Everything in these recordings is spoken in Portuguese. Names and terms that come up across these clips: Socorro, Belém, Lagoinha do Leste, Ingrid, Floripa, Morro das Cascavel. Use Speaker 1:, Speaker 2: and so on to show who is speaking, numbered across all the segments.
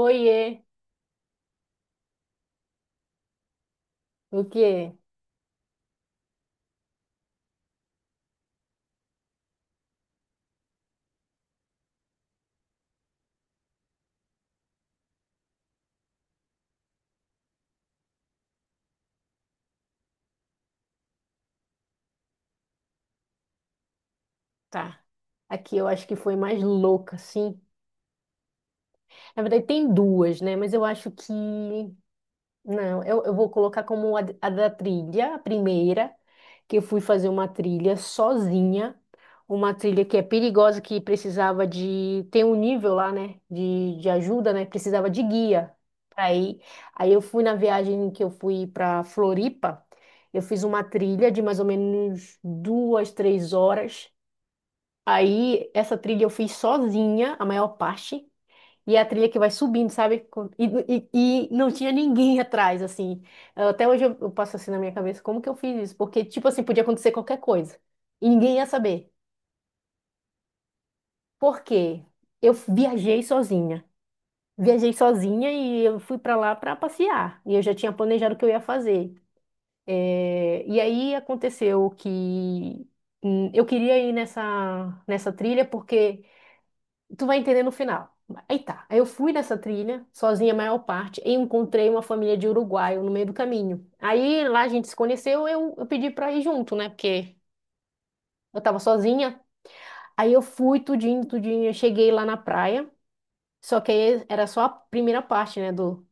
Speaker 1: Oiê, o que? Tá. Aqui eu acho que foi mais louca, sim. Na verdade, tem duas, né? Mas eu acho que. Não, eu vou colocar como a da trilha, a primeira, que eu fui fazer uma trilha sozinha. Uma trilha que é perigosa, que precisava de. Tem um nível lá, né? De ajuda, né? Precisava de guia pra ir. Aí eu fui na viagem que eu fui pra Floripa. Eu fiz uma trilha de mais ou menos 2, 3 horas. Aí, essa trilha eu fiz sozinha, a maior parte. E é a trilha que vai subindo, sabe? E não tinha ninguém atrás, assim. Até hoje eu passo assim na minha cabeça, como que eu fiz isso? Porque, tipo assim, podia acontecer qualquer coisa. E ninguém ia saber. Por quê? Eu viajei sozinha. Viajei sozinha e eu fui pra lá pra passear. E eu já tinha planejado o que eu ia fazer. É, e aí aconteceu que eu queria ir nessa trilha porque tu vai entender no final. Aí tá. Aí eu fui nessa trilha, sozinha a maior parte, e encontrei uma família de uruguaio no meio do caminho. Aí lá a gente se conheceu, eu pedi pra ir junto, né? Porque eu tava sozinha. Aí eu fui tudinho, tudinho. Eu cheguei lá na praia, só que aí era só a primeira parte, né?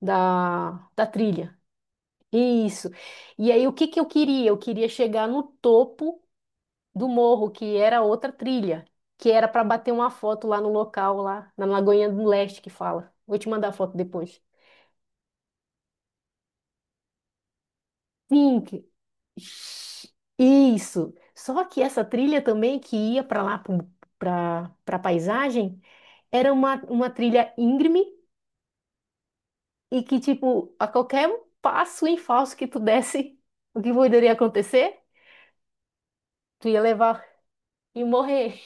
Speaker 1: da, da trilha. Isso. E aí o que que eu queria? Eu queria chegar no topo do morro, que era outra trilha, que era para bater uma foto lá no local, lá na Lagoinha do Leste que fala. Vou te mandar a foto depois. Sim, isso. Só que essa trilha também que ia para lá para paisagem era uma trilha íngreme e que tipo a qualquer um passo em falso que tu desse, o que poderia acontecer? Tu ia levar e morrer.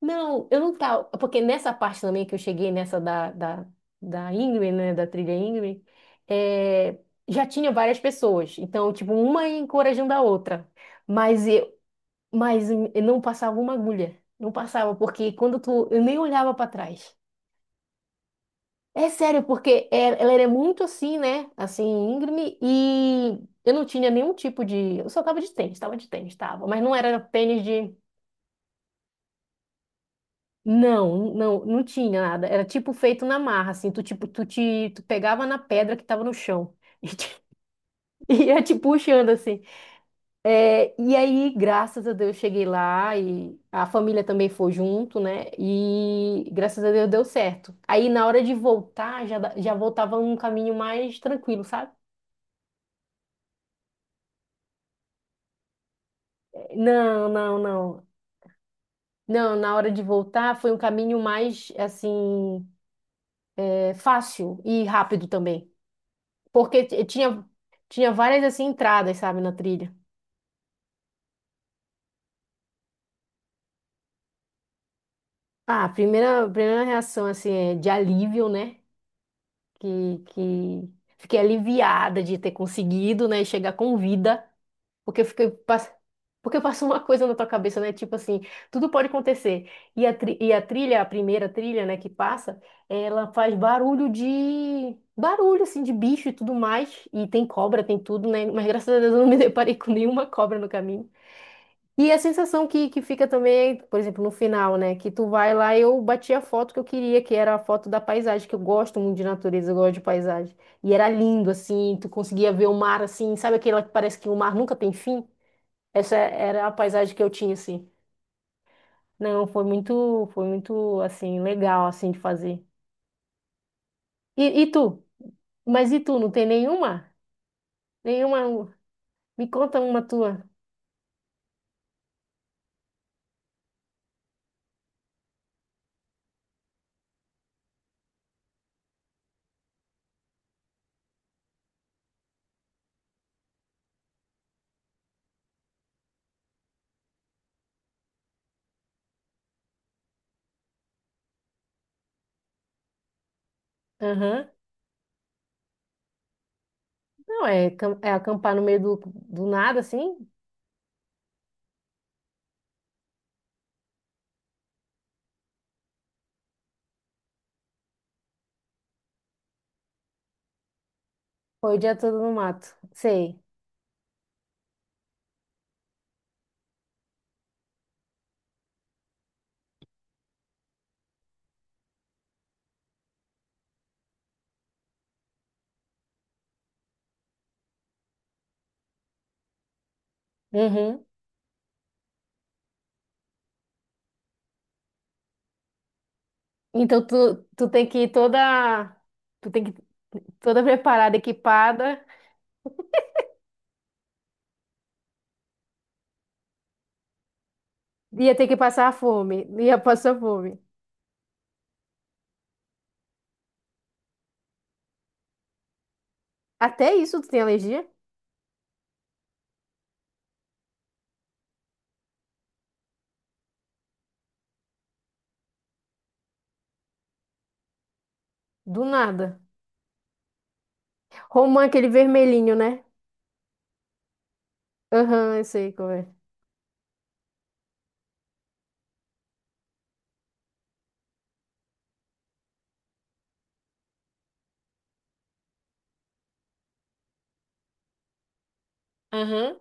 Speaker 1: Não, eu não tava. Porque nessa parte também que eu cheguei, nessa da Ingrid, né? Da trilha Ingrid, é, já tinha várias pessoas. Então, tipo, uma encorajando a outra. Mas eu, mas eu não passava uma agulha. Não passava, porque quando tu. Eu nem olhava pra trás. É sério, porque ela era muito assim, né? Assim, íngreme, e eu não tinha nenhum tipo de. Eu só tava de tênis, tava de tênis, tava. Mas não era tênis de. Não, não, não tinha nada. Era tipo feito na marra, assim. Tu, tipo, tu pegava na pedra que tava no chão e te- e ia te puxando, assim. É, e aí, graças a Deus, cheguei lá e a família também foi junto, né? E graças a Deus deu certo. Aí, na hora de voltar, já voltava um caminho mais tranquilo, sabe? Não, não, não. Não, na hora de voltar foi um caminho mais, assim, fácil e rápido também. Porque tinha várias, assim, entradas, sabe, na trilha. Ah, a primeira reação, assim, é de alívio, né? Que fiquei aliviada de ter conseguido, né? Chegar com vida. Porque eu fiquei pass-. Porque passa uma coisa na tua cabeça, né? Tipo assim, tudo pode acontecer. E a trilha, a primeira trilha, né, que passa, ela faz barulho de. Barulho, assim, de bicho e tudo mais. E tem cobra, tem tudo, né? Mas graças a Deus eu não me deparei com nenhuma cobra no caminho. E a sensação que fica também, por exemplo, no final, né? Que tu vai lá, eu bati a foto que eu queria, que era a foto da paisagem, que eu gosto muito de natureza, eu gosto de paisagem. E era lindo, assim, tu conseguia ver o mar, assim, sabe aquela que parece que o mar nunca tem fim? Essa era a paisagem que eu tinha, assim. Não, foi muito, assim, legal, assim, de fazer. E tu? Mas e tu, não tem nenhuma? Nenhuma? Me conta uma tua. Aham. Não, é acampar no meio do nada, assim? Foi o dia todo no mato. Sei. Uhum. Então tu tem que ir toda, tu tem que ir toda preparada, equipada, ia ter que passar fome, ia passar fome. Até isso tu tem alergia? Do nada. Romã, aquele vermelhinho, né? Aham, eu sei como é. Aham.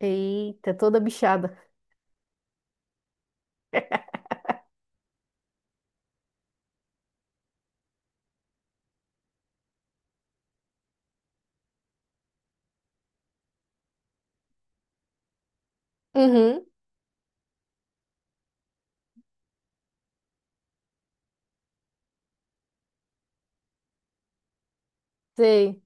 Speaker 1: Eita, toda bichada. Uhum, sei,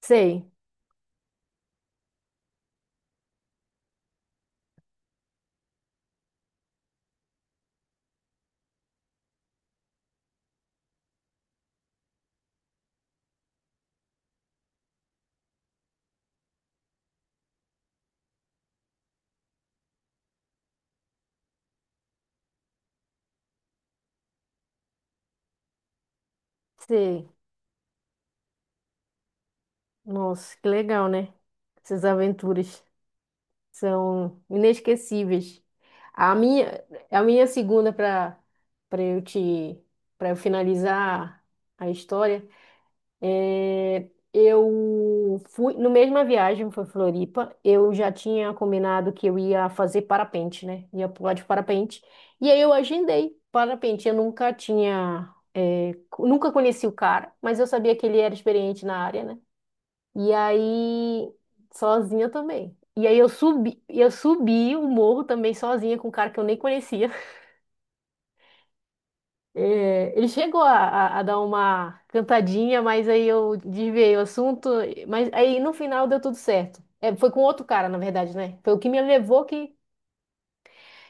Speaker 1: sei, sei. Nossa, que legal, né? Essas aventuras. São inesquecíveis. A minha, a minha segunda, para eu te para eu finalizar a história, eu fui no mesma viagem foi Floripa, eu já tinha combinado que eu ia fazer parapente, né? Ia pular de parapente. E aí eu agendei parapente. Eu nunca tinha, nunca conheci o cara, mas eu sabia que ele era experiente na área, né? E aí, sozinha também. E aí eu subi o morro também sozinha com um cara que eu nem conhecia. É, ele chegou a dar uma cantadinha, mas aí eu desviei o assunto. Mas aí no final deu tudo certo. É, foi com outro cara, na verdade, né? Foi o que me levou que.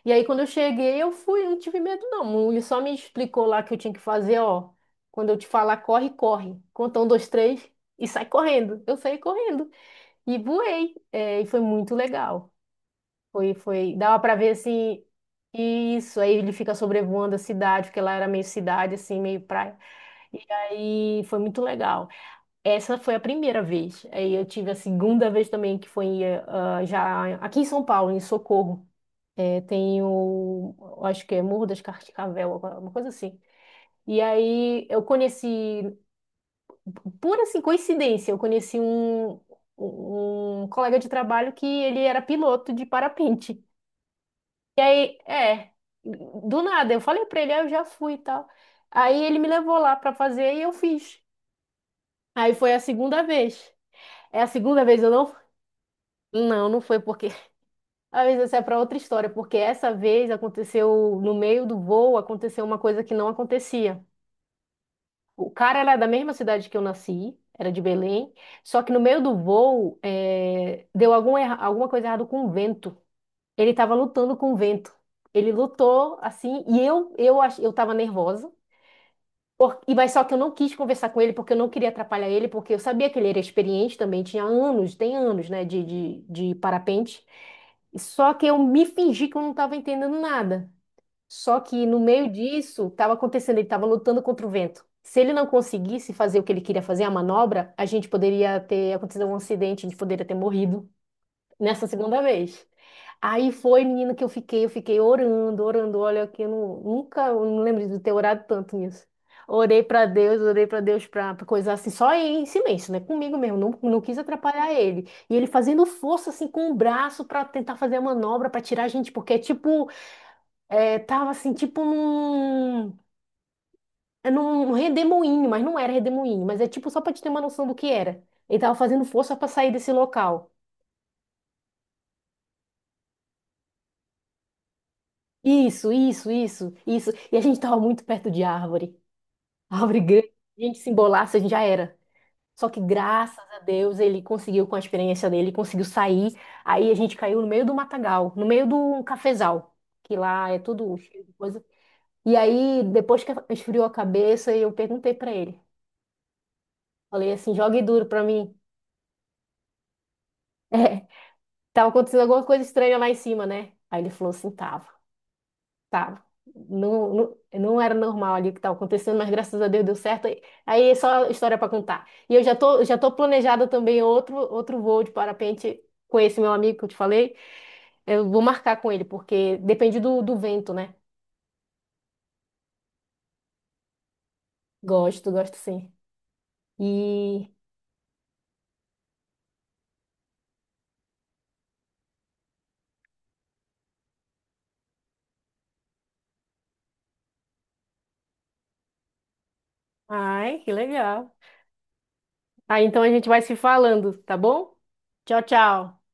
Speaker 1: E aí quando eu cheguei, eu fui, eu não tive medo, não. Ele só me explicou lá que eu tinha que fazer, ó. Quando eu te falar, corre, corre. Conta um, dois, três e sai correndo. Eu saí correndo e voei. É, e foi muito legal. Foi, foi. Dava pra ver assim. Isso, aí ele fica sobrevoando a cidade, porque lá era meio cidade, assim, meio praia. E aí foi muito legal. Essa foi a primeira vez. Aí eu tive a segunda vez também, que foi já aqui em São Paulo, em Socorro. Tem o, acho que é Morro das Cascavel, uma coisa assim. E aí eu conheci, pura assim, coincidência, eu conheci um colega de trabalho que ele era piloto de parapente. E aí, do nada, eu falei pra ele, aí eu já fui e tal. Aí ele me levou lá pra fazer e eu fiz. Aí foi a segunda vez. É a segunda vez eu não? Não, não foi porque. Às vezes essa é pra outra história, porque essa vez aconteceu no meio do voo, aconteceu uma coisa que não acontecia. O cara era da mesma cidade que eu nasci, era de Belém, só que no meio do voo, deu alguma coisa errada com o vento. Ele estava lutando com o vento. Ele lutou assim, e eu estava nervosa. Mas só que eu não quis conversar com ele porque eu não queria atrapalhar ele, porque eu sabia que ele era experiente também, tinha anos, tem anos, né, de parapente. Só que eu me fingi que eu não estava entendendo nada. Só que no meio disso, estava acontecendo, ele estava lutando contra o vento. Se ele não conseguisse fazer o que ele queria fazer, a manobra, a gente poderia ter acontecido um acidente, a gente poderia ter morrido nessa segunda vez. Aí foi, menina, que eu fiquei orando, orando. Olha, que eu não- nunca, eu não lembro de ter orado tanto nisso. Orei pra Deus pra coisa assim, só em silêncio, né? Comigo mesmo, não, não quis atrapalhar ele. E ele fazendo força assim com o braço pra tentar fazer a manobra pra tirar a gente, porque é tipo, tava assim, tipo num redemoinho, mas não era redemoinho, mas é tipo só pra te ter uma noção do que era. Ele tava fazendo força pra sair desse local. Isso, isso, isso, isso. E a gente estava muito perto de árvore. Árvore grande. Se a gente se embolasse, a gente já era. Só que graças a Deus ele conseguiu, com a experiência dele, conseguiu sair. Aí a gente caiu no meio do matagal, no meio do cafezal, que lá é tudo cheio de coisa. E aí, depois que esfriou a cabeça, eu perguntei pra ele. Falei assim, jogue duro pra mim. É, tava acontecendo alguma coisa estranha lá em cima, né? Aí ele falou assim, tava. Tá, não, não, não era normal ali o que estava acontecendo, mas graças a Deus deu certo. Aí é só história para contar. E eu já tô planejada também outro voo de parapente com esse meu amigo que eu te falei. Eu vou marcar com ele, porque depende do vento, né? Gosto, gosto sim. E Ai, que legal. Aí então a gente vai se falando, tá bom? Tchau, tchau.